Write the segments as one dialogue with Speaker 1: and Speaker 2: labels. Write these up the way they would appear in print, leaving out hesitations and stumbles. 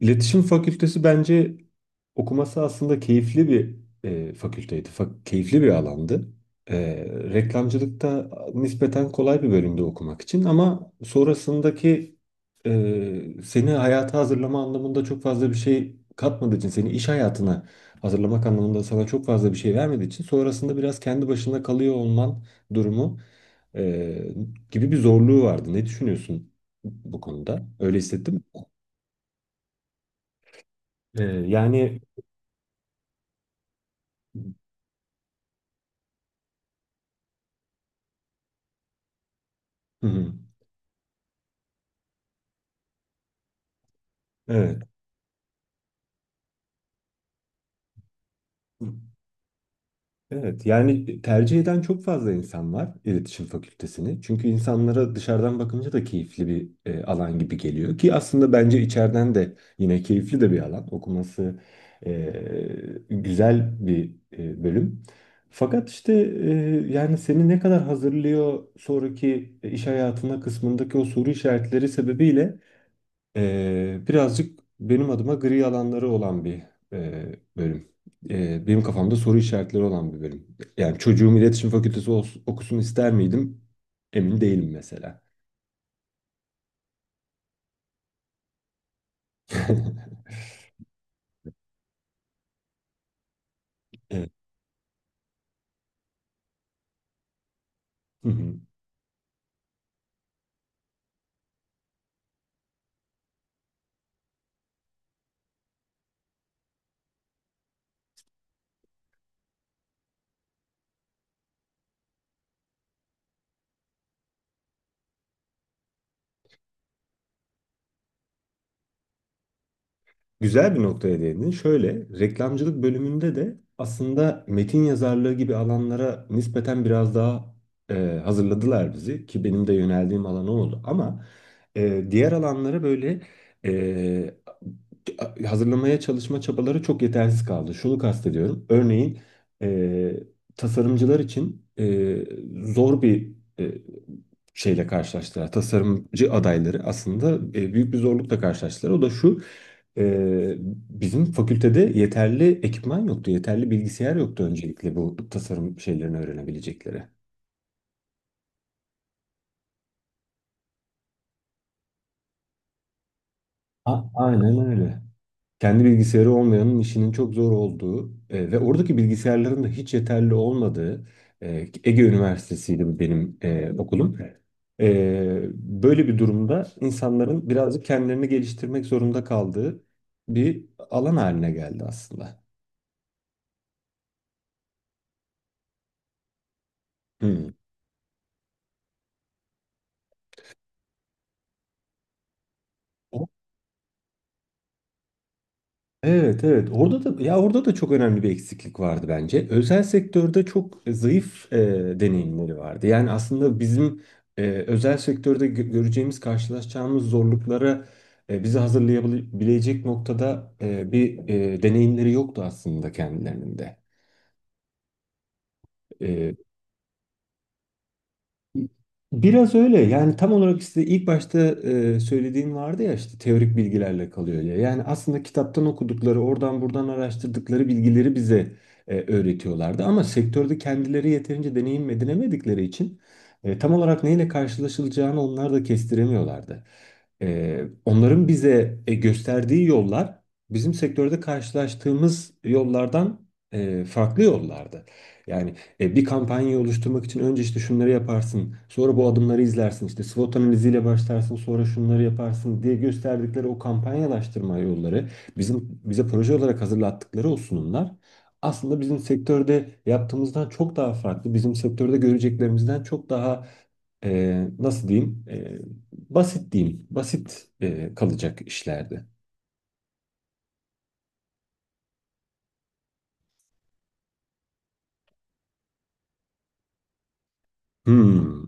Speaker 1: İletişim Fakültesi bence okuması aslında keyifli bir fakülteydi. Keyifli bir alandı. E, Reklamcılık da nispeten kolay bir bölümde okumak için, ama sonrasındaki seni hayata hazırlama anlamında çok fazla bir şey katmadığı için, seni iş hayatına hazırlamak anlamında sana çok fazla bir şey vermediği için sonrasında biraz kendi başına kalıyor olman durumu e, gibi bir zorluğu vardı. Ne düşünüyorsun bu konuda? Öyle hissettim. Yani. Hı hı. Evet. Evet, yani tercih eden çok fazla insan var iletişim fakültesini. Çünkü insanlara dışarıdan bakınca da keyifli bir alan gibi geliyor ki, aslında bence içeriden de yine keyifli de bir alan. Okuması e, güzel bir bölüm. Fakat işte e, yani seni ne kadar hazırlıyor sonraki iş hayatına kısmındaki o soru işaretleri sebebiyle, birazcık benim adıma gri alanları olan bir bölüm. Benim kafamda soru işaretleri olan bir bölüm. Yani çocuğum iletişim fakültesi okusun ister miydim? Emin değilim mesela. Evet. Güzel bir noktaya değindin. Şöyle, reklamcılık bölümünde de aslında metin yazarlığı gibi alanlara nispeten biraz daha hazırladılar bizi ki benim de yöneldiğim alan o oldu. Ama diğer alanlara böyle e, hazırlamaya çalışma çabaları çok yetersiz kaldı. Şunu kastediyorum. Örneğin e, tasarımcılar için zor bir e, şeyle karşılaştılar. Tasarımcı adayları aslında büyük bir zorlukla karşılaştılar. O da şu. Ee, Bizim fakültede yeterli ekipman yoktu, yeterli bilgisayar yoktu öncelikle bu tasarım şeylerini öğrenebilecekleri. Aynen öyle. Kendi bilgisayarı olmayanın işinin çok zor olduğu ve oradaki bilgisayarların da hiç yeterli olmadığı, e, Ege Üniversitesi'ydi bu benim okulum. Böyle bir durumda insanların birazcık kendilerini geliştirmek zorunda kaldığı bir alan haline geldi aslında. Hmm. Evet, evet, orada da, ya, orada da çok önemli bir eksiklik vardı bence. Özel sektörde çok zayıf deneyimleri vardı. Yani aslında bizim özel sektörde göreceğimiz, karşılaşacağımız zorluklara bizi hazırlayabilecek noktada bir deneyimleri yoktu aslında kendilerinin de. Biraz öyle, yani tam olarak işte ilk başta söylediğim vardı ya, işte teorik bilgilerle kalıyor ya. Yani aslında kitaptan okudukları, oradan buradan araştırdıkları bilgileri bize öğretiyorlardı. Ama sektörde kendileri yeterince deneyim edinemedikleri için tam olarak neyle karşılaşılacağını onlar da kestiremiyorlardı. Onların bize gösterdiği yollar bizim sektörde karşılaştığımız yollardan farklı yollardı. Yani bir kampanyayı oluşturmak için önce işte şunları yaparsın, sonra bu adımları izlersin, işte SWOT analiziyle başlarsın, sonra şunları yaparsın diye gösterdikleri o kampanyalaştırma yolları, bizim bize proje olarak hazırlattıkları o sunumlar, aslında bizim sektörde yaptığımızdan çok daha farklı, bizim sektörde göreceklerimizden çok daha nasıl diyeyim, basit diyeyim, basit kalacak işlerdi. Hmm,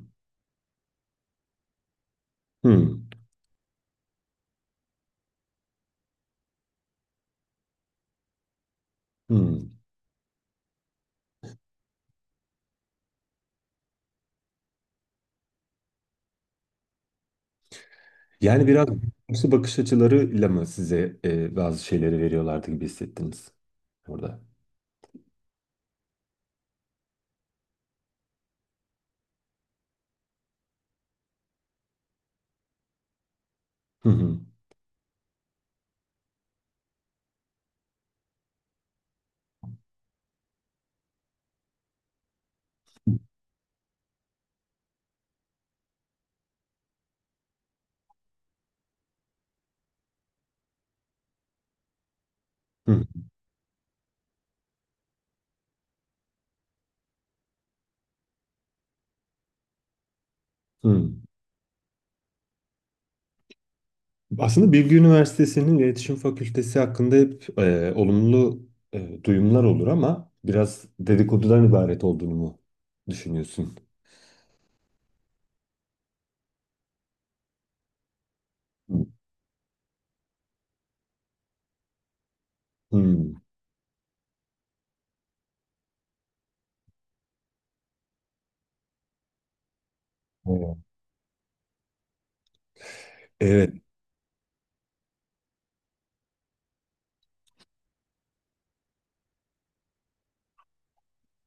Speaker 1: hmm, hmm. Yani biraz karşı bakış açılarıyla mı size bazı şeyleri veriyorlardı gibi hissettiniz orada? Hı hı. Hı hı. Aslında Bilgi Üniversitesi'nin iletişim fakültesi hakkında hep olumlu duyumlar olur, ama biraz dedikodudan ibaret olduğunu mu düşünüyorsun? Hı. Hı. Evet. Evet.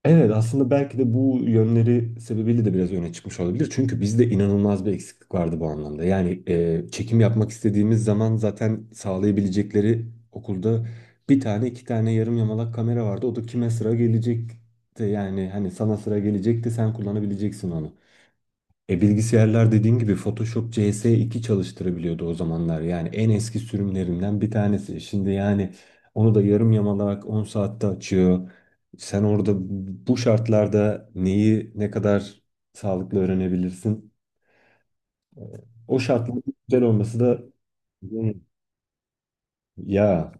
Speaker 1: Evet, aslında belki de bu yönleri sebebiyle de biraz öne çıkmış olabilir. Çünkü bizde inanılmaz bir eksiklik vardı bu anlamda. Yani çekim yapmak istediğimiz zaman zaten sağlayabilecekleri okulda bir tane, iki tane yarım yamalak kamera vardı. O da kime sıra gelecekti, yani hani sana sıra gelecekti, sen kullanabileceksin onu. E bilgisayarlar dediğim gibi Photoshop CS2 çalıştırabiliyordu o zamanlar. Yani en eski sürümlerinden bir tanesi. Şimdi yani onu da yarım yamalak 10 saatte açıyor. Sen orada bu şartlarda neyi ne kadar sağlıklı öğrenebilirsin? O şartların güzel olması da. Hmm. Ya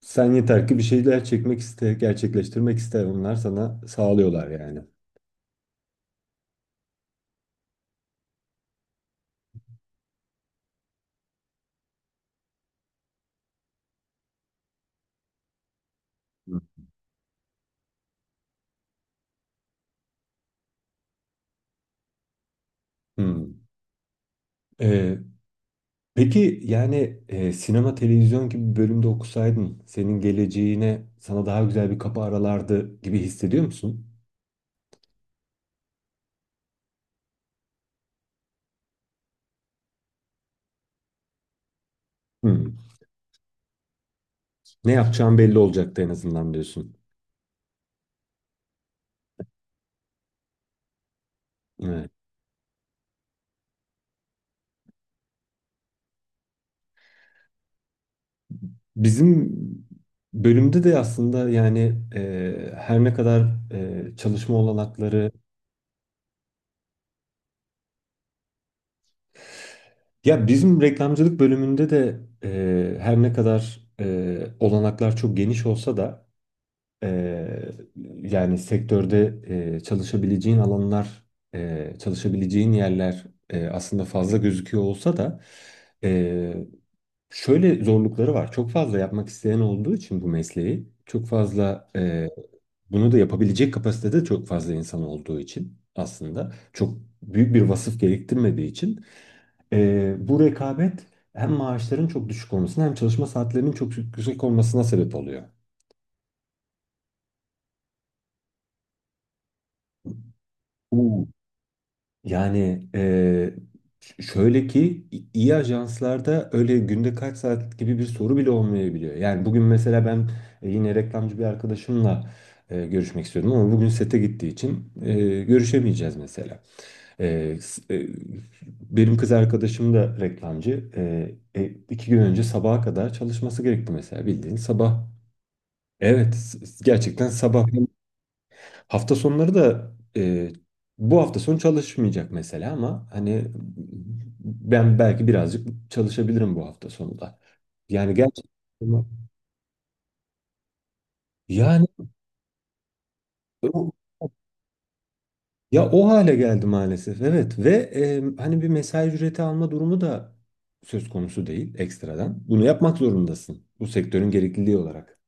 Speaker 1: sen yeter ki bir şeyler çekmek iste, gerçekleştirmek iste. Onlar sana sağlıyorlar yani. Hmm. Hmm. Ee, Peki yani sinema televizyon gibi bir bölümde okusaydın senin geleceğine, sana daha güzel bir kapı aralardı gibi hissediyor musun? Hmm. Ne yapacağın belli olacaktı en azından diyorsun. Evet. Bizim bölümde de aslında yani her ne kadar çalışma olanakları, ya bizim reklamcılık bölümünde de her ne kadar olanaklar çok geniş olsa da, Eee, yani sektörde çalışabileceğin alanlar, çalışabileceğin yerler aslında fazla gözüküyor olsa da, eee, şöyle zorlukları var. Çok fazla yapmak isteyen olduğu için bu mesleği, çok fazla bunu da yapabilecek kapasitede çok fazla insan olduğu için, aslında çok büyük bir vasıf gerektirmediği için bu rekabet hem maaşların çok düşük olmasına, hem çalışma saatlerinin çok yüksek olmasına sebep oluyor. Yani şöyle ki iyi ajanslarda öyle günde kaç saat gibi bir soru bile olmayabiliyor. Yani bugün mesela ben yine reklamcı bir arkadaşımla görüşmek istiyordum, ama bugün sete gittiği için görüşemeyeceğiz mesela. E, s- e, Benim kız arkadaşım da reklamcı. İki gün önce sabaha kadar çalışması gerekti mesela, bildiğin sabah. Evet, gerçekten sabah. Hafta sonları da e, bu hafta sonu çalışmayacak mesela, ama hani ben belki birazcık çalışabilirim bu hafta sonu da. Yani gerçekten, yani o- ya o hale geldi maalesef, evet. Ve hani bir mesai ücreti alma durumu da söz konusu değil ekstradan. Bunu yapmak zorundasın bu sektörün gerekliliği olarak.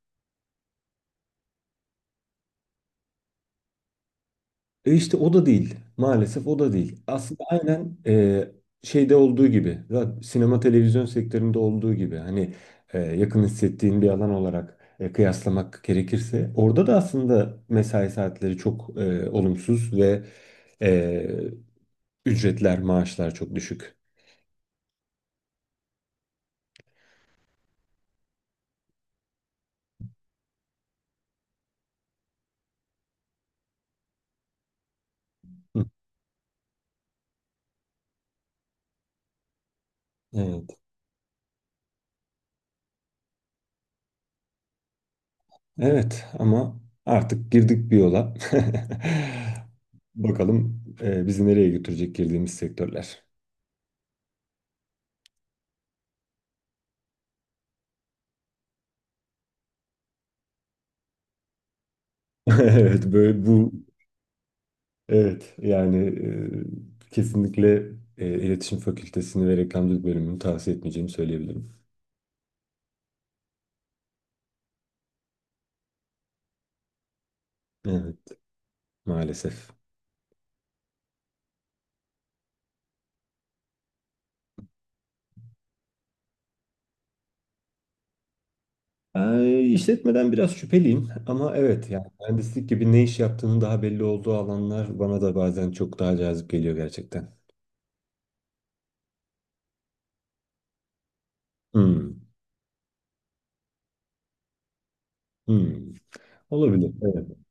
Speaker 1: E işte o da değil. Maalesef o da değil. Aslında aynen şeyde olduğu gibi, sinema televizyon sektöründe olduğu gibi, hani yakın hissettiğin bir alan olarak kıyaslamak gerekirse, orada da aslında mesai saatleri çok olumsuz ve e, ücretler, maaşlar çok düşük. Hı. Evet. Evet, ama artık girdik bir yola. Bakalım bizi nereye götürecek girdiğimiz sektörler. Evet, böyle bu. Evet, yani kesinlikle iletişim fakültesini ve reklamcılık bölümünü tavsiye etmeyeceğimi söyleyebilirim. Evet, maalesef. İşletmeden biraz şüpheliyim, ama evet, yani mühendislik gibi ne iş yaptığının daha belli olduğu alanlar bana da bazen çok daha cazip geliyor gerçekten. Hmm, hmm. Olabilir. Evet.